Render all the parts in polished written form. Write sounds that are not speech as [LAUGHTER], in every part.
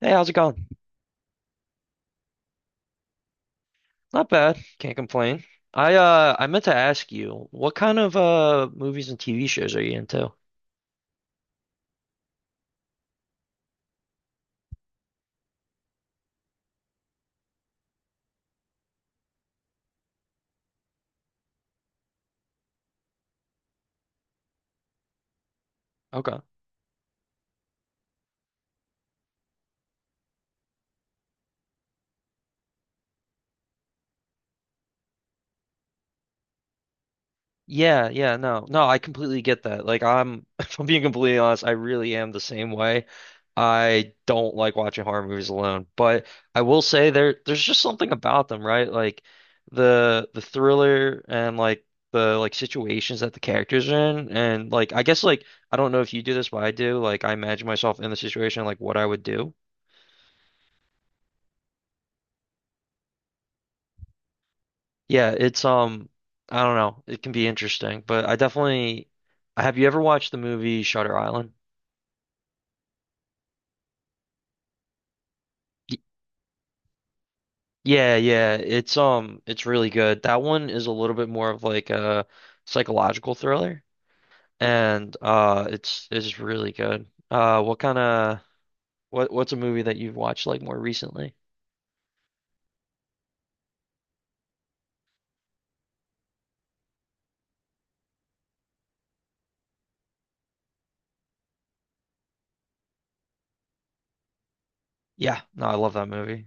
Hey, how's it going? Not bad. Can't complain. I meant to ask you, what kind of movies and TV shows are you into? Okay. Yeah, yeah, no. No, I completely get that. Like I'm [LAUGHS] if I'm being completely honest, I really am the same way. I don't like watching horror movies alone, but I will say there's just something about them, right? Like the thriller and like the like situations that the characters are in, and like I guess like I don't know if you do this, but I do. Like I imagine myself in the situation, like what I would do. Yeah, it's I don't know. It can be interesting, but I definitely have you ever watched the movie Shutter Island? Y- Yeah, yeah, it's really good. That one is a little bit more of like a psychological thriller, and it's really good. What's a movie that you've watched like more recently? Yeah, no, I love that movie.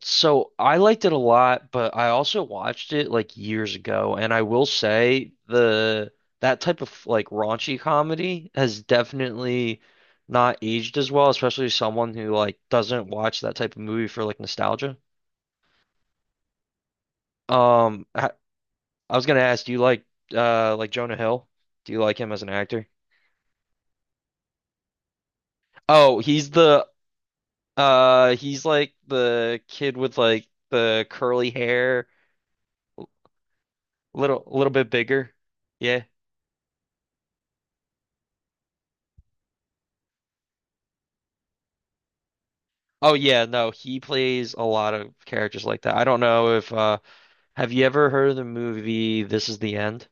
So I liked it a lot, but I also watched it like years ago, and I will say the that type of like raunchy comedy has definitely not aged as well, especially someone who like doesn't watch that type of movie for like nostalgia. Um, I, I was gonna ask, do you like Jonah Hill? Do you like him as an actor? Oh, he's the he's like the kid with like the curly hair, little a little bit bigger, yeah. Oh yeah, no, he plays a lot of characters like that. I don't know if have you ever heard of the movie This Is the End?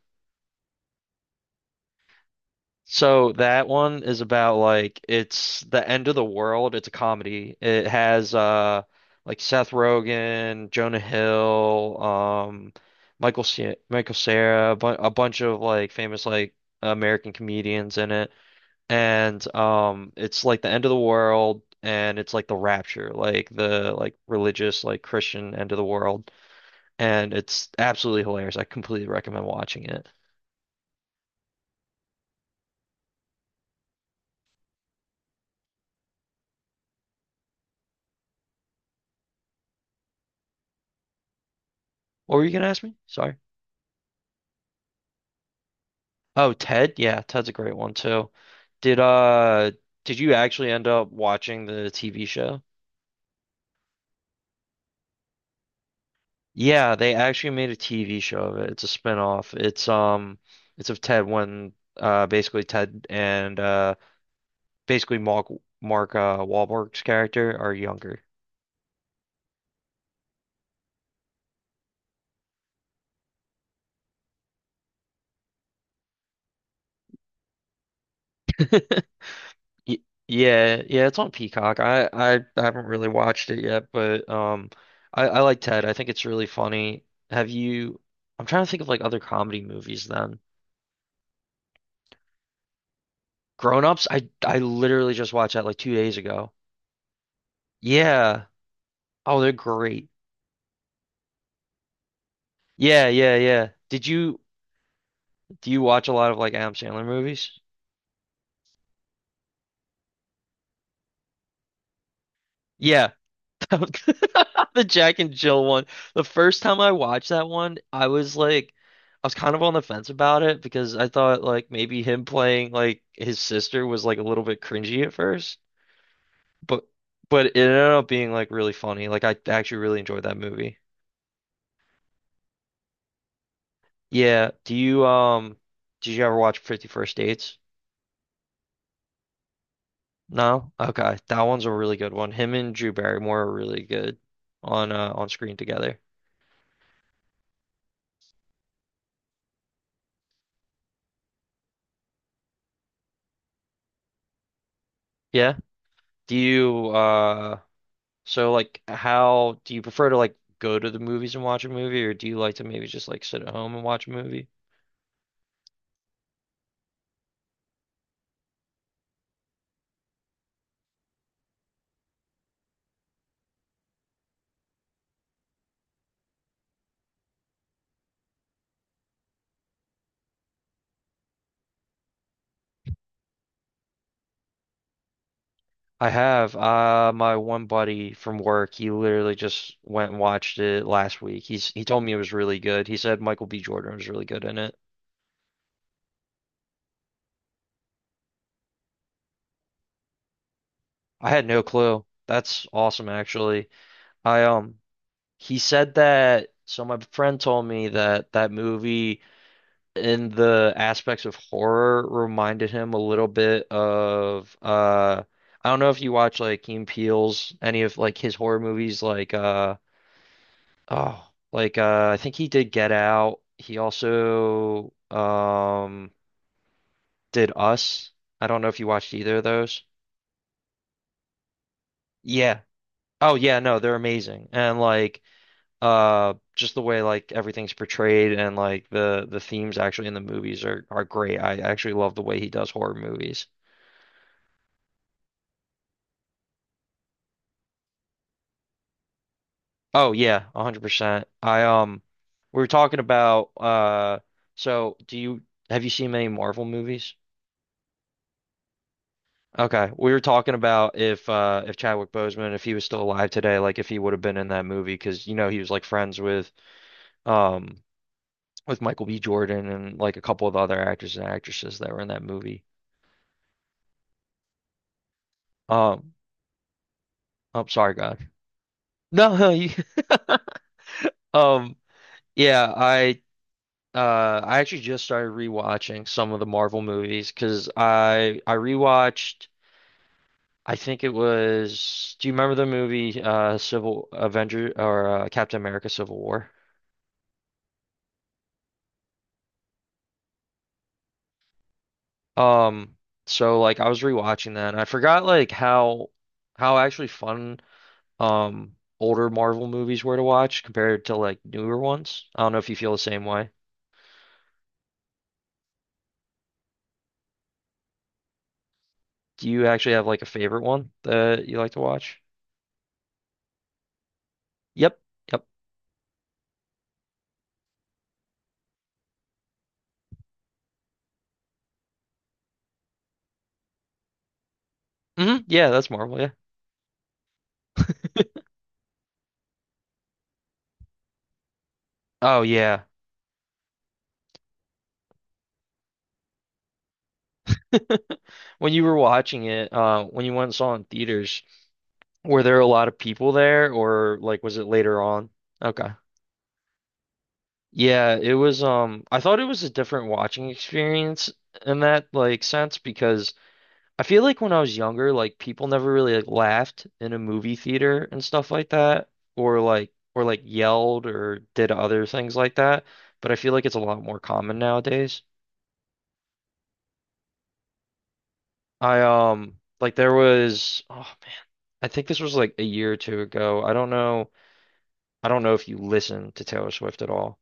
So that one is about like it's the end of the world. It's a comedy. It has like Seth Rogen, Jonah Hill, Michael Ce Michael Cera, a bunch of like famous like American comedians in it. And it's like the end of the world, and it's like the rapture, like the, like religious, like Christian end of the world, and it's absolutely hilarious. I completely recommend watching it. What were you gonna ask me, sorry? Oh, Ted, yeah, Ted's a great one too. did uh did you actually end up watching the TV show? Yeah, they actually made a TV show of it, it's a spin-off, it's of Ted when basically Ted and basically Mark Wahlberg's character are younger. [LAUGHS] Y- Yeah, yeah, it's on Peacock. I haven't really watched it yet, but I like Ted. I think it's really funny. Have you? I'm trying to think of like other comedy movies then. Grown Ups. I literally just watched that like 2 days ago. Yeah. Oh, they're great. Yeah, yeah, yeah. Did you do you watch a lot of like Adam Sandler movies? Yeah, [LAUGHS] the Jack and Jill one. The first time I watched that one, I was like, I was kind of on the fence about it because I thought like maybe him playing like his sister was like a little bit cringy at first, but it ended up being like really funny. Like I actually really enjoyed that movie. Yeah. Do you did you ever watch 50 First Dates? No? Okay. That one's a really good one. Him and Drew Barrymore are really good on screen together. Yeah. Do you So like how do you prefer to like go to the movies and watch a movie, or do you like to maybe just like sit at home and watch a movie? I have my one buddy from work, he literally just went and watched it last week. He told me it was really good. He said Michael B. Jordan was really good in it. I had no clue. That's awesome actually. I he said that, so my friend told me that that movie in the aspects of horror reminded him a little bit of I don't know if you watch like Key and Peele's, any of like his horror movies, like oh, like I think he did Get Out. He also did Us. I don't know if you watched either of those. Yeah. Oh yeah, no, they're amazing. And like just the way like everything's portrayed and like the themes actually in the movies are great. I actually love the way he does horror movies. Oh yeah, 100%. I we were talking about so do you have you seen many Marvel movies? Okay. We were talking about if Chadwick Boseman, if he was still alive today, like if he would have been in that movie, because you know he was like friends um with Michael B. Jordan and like a couple of other actors and actresses that were in that movie. Um I'm sorry, God. No, [LAUGHS] you [LAUGHS] Um yeah, I actually just started rewatching some of the Marvel movies because I rewatched. I think it was. Do you remember the movie Civil Avenger or Captain America Civil War? Um, so like I was rewatching that, and I forgot like how actually fun older Marvel movies were to watch compared to like newer ones. I don't know if you feel the same way. Do you actually have like a favorite one that you like to watch? Yep. Yep. Yeah, that's Marvel. Yeah. Oh yeah. When you were watching it, when you went and saw it in theaters, were there a lot of people there, or like was it later on? Okay. Yeah, it was I thought it was a different watching experience in that like sense, because I feel like when I was younger, like people never really like laughed in a movie theater and stuff like that, or like yelled or did other things like that, but I feel like it's a lot more common nowadays. I like there was, oh, I think this was like a year or two ago. I don't know. I don't know if you listen to Taylor Swift at all.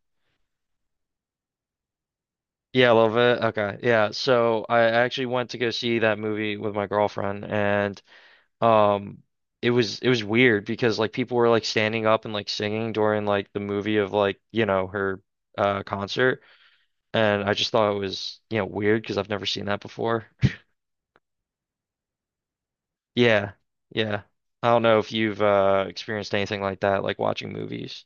Yeah, a little bit. Okay. Yeah. So I actually went to go see that movie with my girlfriend, and um it was weird because like people were like standing up and like singing during like the movie of, like, her concert, and I just thought it was weird, because I've never seen that before. [LAUGHS] Yeah. Yeah. I don't know if you've experienced anything like that, like watching movies.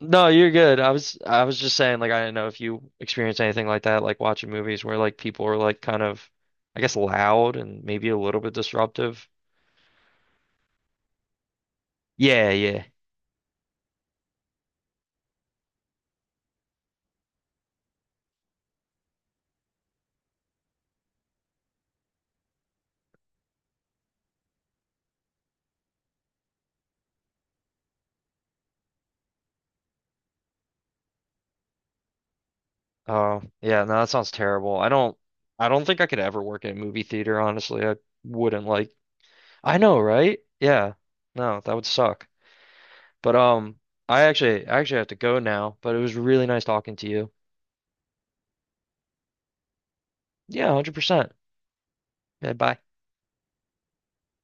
No, you're good. I was just saying like I do not know if you experience anything like that, like watching movies where like people are like kind of I guess loud and maybe a little bit disruptive. Yeah, yeah. Oh, yeah, no, that sounds terrible. I don't think I could ever work in a movie theater, honestly. I wouldn't like I know, right? Yeah. No, that would suck. But I actually have to go now, but it was really nice talking to you. Yeah, 100%. Yeah, bye.